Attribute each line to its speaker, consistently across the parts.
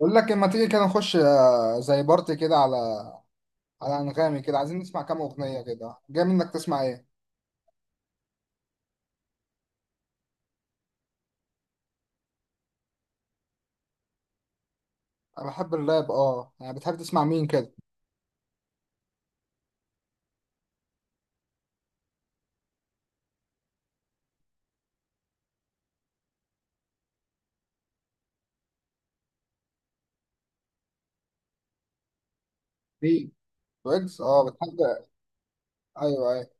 Speaker 1: بقول لك اما تيجي كده نخش زي بارتي كده على على انغامي كده عايزين نسمع كام اغنيه كده جاي منك تسمع ايه. انا بحب الراب اه، يعني بتحب تسمع مين كده؟ مين؟ ويجز، اه بتحب. ايوه ايوه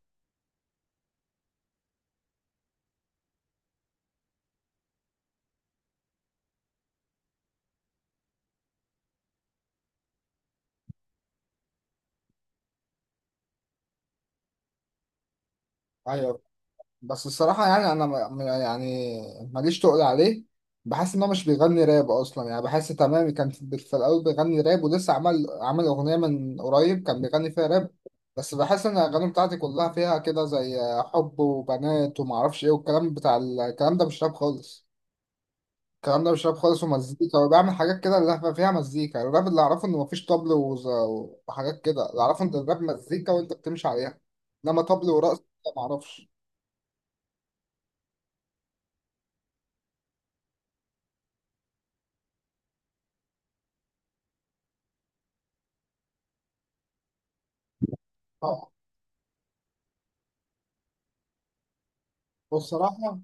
Speaker 1: ايوه. بس الصراحة يعني أنا يعني ماليش تقول عليه. بحس إن هو مش بيغني راب أصلا، يعني بحس تمام كان في الأول بيغني راب، ولسه عمل أغنية من قريب كان بيغني فيها راب. بس بحس إن الأغاني بتاعتي كلها فيها كده زي حب وبنات ومعرفش إيه والكلام بتاع الكلام ده مش راب خالص. الكلام ده مش راب خالص، ومزيكا وبيعمل حاجات كده اللي فيها مزيكا. يعني الراب اللي أعرفه إن مفيش طبل وحاجات كده، اللي أعرفه إن الراب مزيكا وأنت بتمشي عليها، إنما طبل ورقص ده معرفش. طبعا. والصراحة،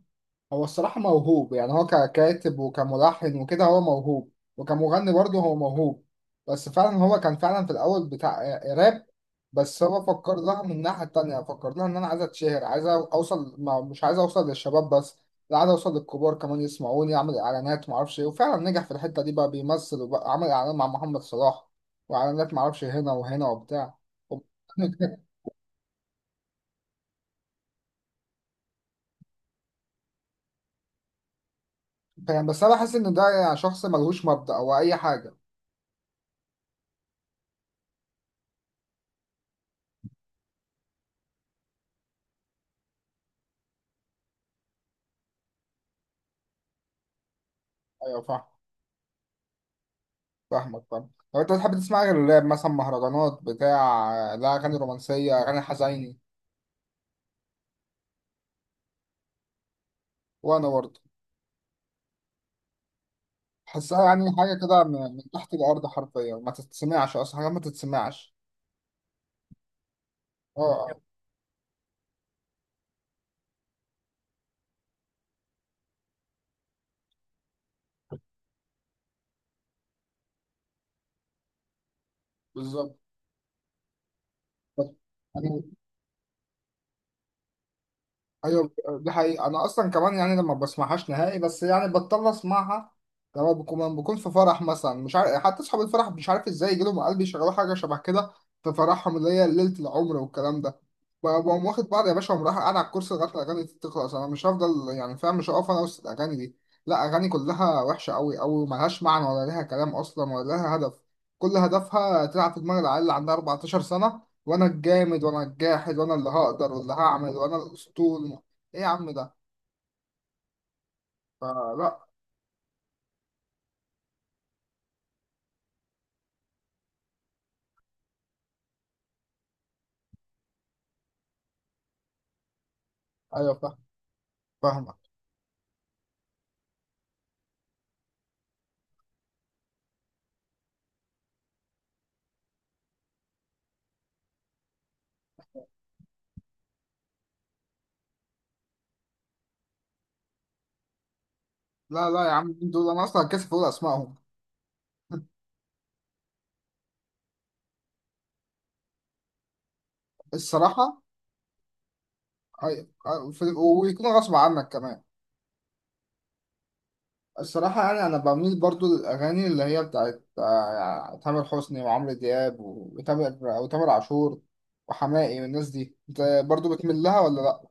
Speaker 1: هو الصراحة موهوب، يعني هو ككاتب وكملحن وكده هو موهوب، وكمغني برضه هو موهوب. بس فعلا هو كان فعلا في الأول بتاع راب، بس هو فكر لها من الناحية التانية، فكر لها إن أنا عايز أتشهر، عايز أوصل، ما مش عايز أوصل للشباب بس، لا عايز أوصل للكبار كمان يسمعوني، أعمل إعلانات معرفش إيه. وفعلا نجح في الحتة دي، بقى بيمثل، وبقى عمل إعلان مع محمد صلاح، وإعلانات معرفش هنا وهنا وبتاع. فاهم، بس أنا بحس إن ده يعني شخص ملهوش مبدأ أو أي حاجة. أيوة فاهم. فاهمك فاهم. طب انت بتحب تسمع غير الراب مثلا؟ مهرجانات بتاع؟ لا، اغاني رومانسيه، اغاني حزيني؟ وانا برضه بحسها يعني حاجه كده من تحت الارض حرفيا، ما تتسمعش اصلا، حاجه ما تتسمعش. اه بالظبط. ايوه دي حقيقة. انا اصلا كمان يعني لما بسمعهاش نهائي، بس يعني بضطر اسمعها لما بكون في فرح مثلا، مش عارف حتى اصحاب الفرح مش عارف ازاي يجيلهم قلبي يشغلوا حاجة شبه كده في فرحهم اللي هي ليلة العمر والكلام ده. بقوم واخد بعض يا باشا ومروح قاعد على الكرسي لغاية الاغاني دي تخلص. انا مش هفضل، يعني فاهم، مش هقف انا وسط الاغاني دي. لا اغاني كلها وحشة قوي، او ملهاش معنى، ولا ليها كلام اصلا، ولا ليها هدف. كل هدفها تلعب في دماغ العيال اللي عندها 14 سنة، وانا الجامد وانا الجاحد وانا اللي هقدر واللي هعمل وانا الاسطول. ايه يا عم ده؟ فلا. ايوه فاهم. فاهمك. لا لا يا عم، مين دول؟ انا اصلا كاسف اقول اسمائهم. الصراحه. ايوه أيوة، في- ويكون غصب عنك كمان. الصراحه يعني انا بميل برضو للاغاني اللي هي بتاعت يعني تامر حسني وعمرو دياب وتامر عاشور وحماقي والناس دي. انت برضو بتميل لها ولا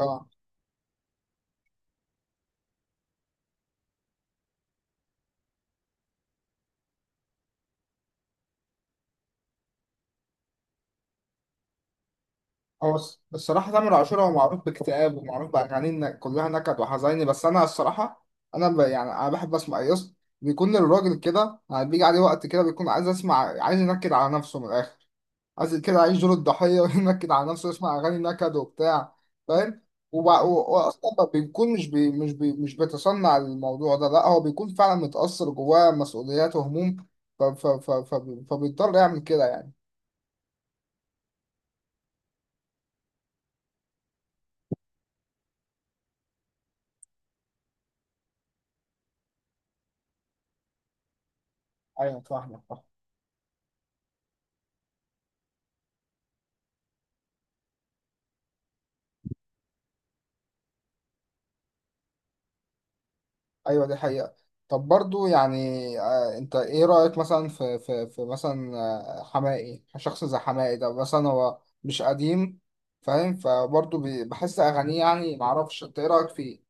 Speaker 1: لا؟ هو الصراحة تامر عاشور هو معروف باكتئاب ومعروف بأغاني إن كلها نكد وحزيني. بس أنا الصراحة أنا يعني أنا بحب أسمع يس. بيكون الراجل كده يعني بيجي عليه وقت كده بيكون عايز أسمع، عايز ينكد على نفسه من الآخر، عايز كده يعيش دور الضحية وينكد على نفسه، يسمع أغاني نكد وبتاع. فاهم. وب... و... وأصلا ما بيكون مش بيتصنع الموضوع ده، لا هو بيكون فعلا متأثر جواه مسؤوليات وهموم. ف... ف... ف... ف... فبيضطر يعمل كده يعني. أيوة فاهمك. ايوه دي حقيقة. طب برضو يعني آه انت ايه رأيك مثلا في مثلا حماقي، شخص زي حماقي ده مثلا هو مش قديم، فاهم، فبرضو بحس اغانيه يعني معرفش انت ايه رأيك فيه؟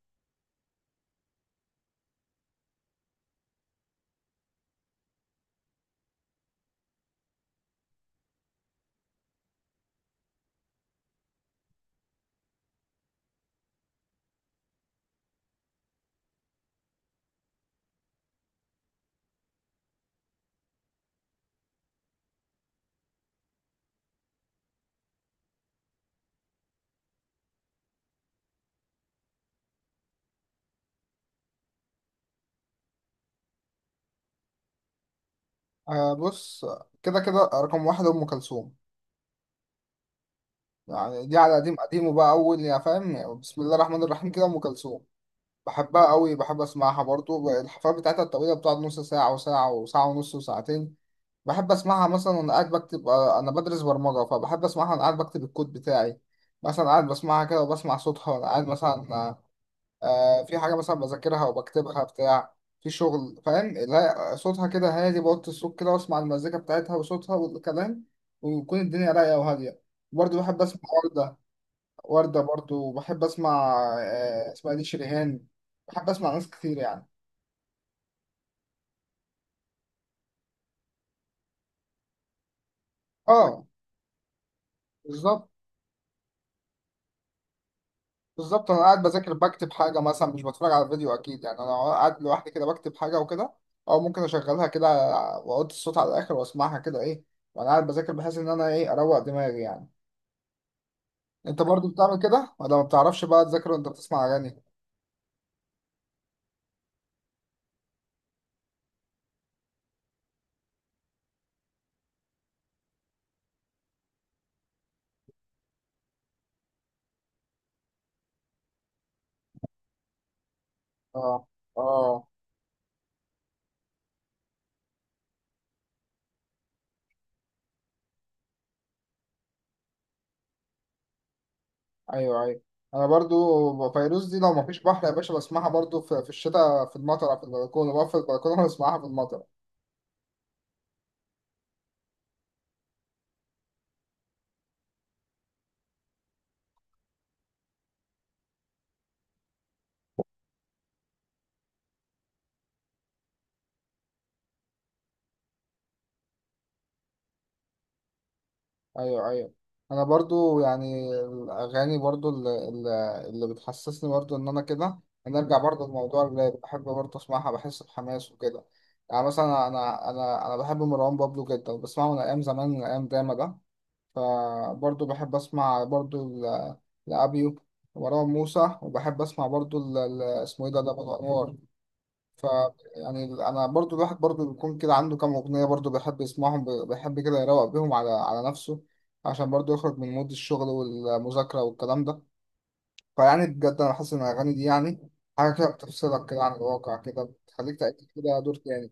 Speaker 1: آه بص، كده كده رقم واحد ام كلثوم. يعني دي على قديم قديم، وبقى اول يا فاهم بسم الله الرحمن الرحيم كده، ام كلثوم. بحبها قوي، بحب اسمعها برضو الحفلات بتاعتها الطويلة، بتقعد نص ساعة وساعة وساعة ونص وساعتين. بحب اسمعها مثلا وانا قاعد بكتب، انا بدرس برمجه، فبحب اسمعها وانا قاعد بكتب الكود بتاعي. مثلا قاعد بسمعها كده وبسمع صوتها وانا قاعد مثلا، في حاجه مثلا بذاكرها وبكتبها بتاع، في شغل فاهم. لا صوتها كده هادي، بوطي الصوت كده واسمع المزيكا بتاعتها وصوتها والكلام، ويكون الدنيا رايقه وهاديه. برضه بحب اسمع ورده. ورده برضه، وبحب اسمع، اسمها دي شريهان. بحب اسمع ناس كتير يعني. اه بالظبط بالظبط. انا قاعد بذاكر، بكتب حاجه مثلا، مش بتفرج على فيديو اكيد يعني، انا قاعد لوحدي كده بكتب حاجه وكده، او ممكن اشغلها كده واحط الصوت على الاخر واسمعها كده ايه وانا قاعد بذاكر، بحيث ان انا ايه اروق دماغي يعني. انت برضو بتعمل كده ولا ما بتعرفش بقى تذاكر وانت بتسمع اغاني؟ اه اه. ايوه ايوه. انا برضو فيروز دي لو ما فيش بحر يا باشا بسمعها برضو في, في الشتاء في المطر على البلكونه، بقف في البلكونه واسمعها في المطر. ايوه ايوه. انا برضو يعني الاغاني برضو اللي, اللي بتحسسني برضو ان انا كده، انا ارجع برضو لموضوع الراب، بحب برضو اسمعها، بحس بحماس وكده. يعني مثلا انا بحب مروان بابلو جدا، بسمعه من ايام زمان من ايام داما ده. فبرضو بحب اسمع برضو لابيو ومروان موسى، وبحب اسمع برضو اسمه ايه ده لابو الانوار. ف يعني انا برضو الواحد برضو بيكون كده عنده كام اغنيه، برضو بيحب يسمعهم، بيحب كده يروق بيهم على على نفسه، عشان برضو يخرج من مود الشغل والمذاكره والكلام ده. فيعني بجد انا حاسس ان الاغاني دي يعني حاجه كده بتفصلك كده عن الواقع، كده بتخليك تعيش كده دور تاني.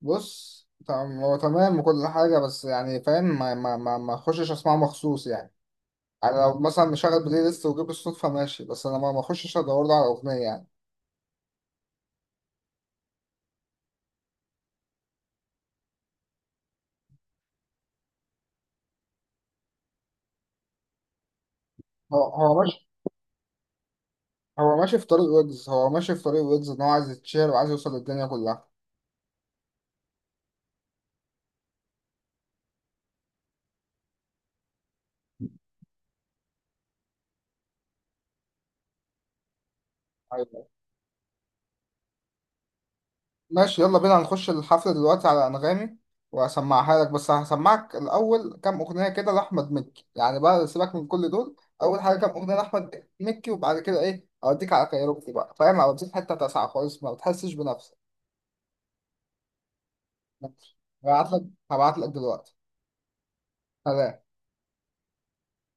Speaker 1: بص تمام، هو تمام وكل حاجه، بس يعني فاهم ما اخشش اسمعه مخصوص يعني. انا لو مثلا مشغل بلاي ليست وجيب الصدفه، ماشي، بس انا ما اخشش ادور له على اغنيه يعني. هو هو ماشي في طريق ويجز، هو ماشي في طريق ويجز ان هو عايز يتشهر وعايز يوصل للدنيا كلها. ايوه ماشي، يلا بينا هنخش الحفلة دلوقتي على أنغامي وهسمعها لك، بس هسمعك الأول كام أغنية كده لأحمد مكي، يعني بقى سيبك من كل دول. أول حاجة كام أغنية لأحمد مكي، وبعد كده إيه أوديك على كايروكي بقى فاهم، أوديك حتة تسعة خالص ما بتحسش بنفسك. ماشي. هبعت لك هبعت لك دلوقتي. سلام.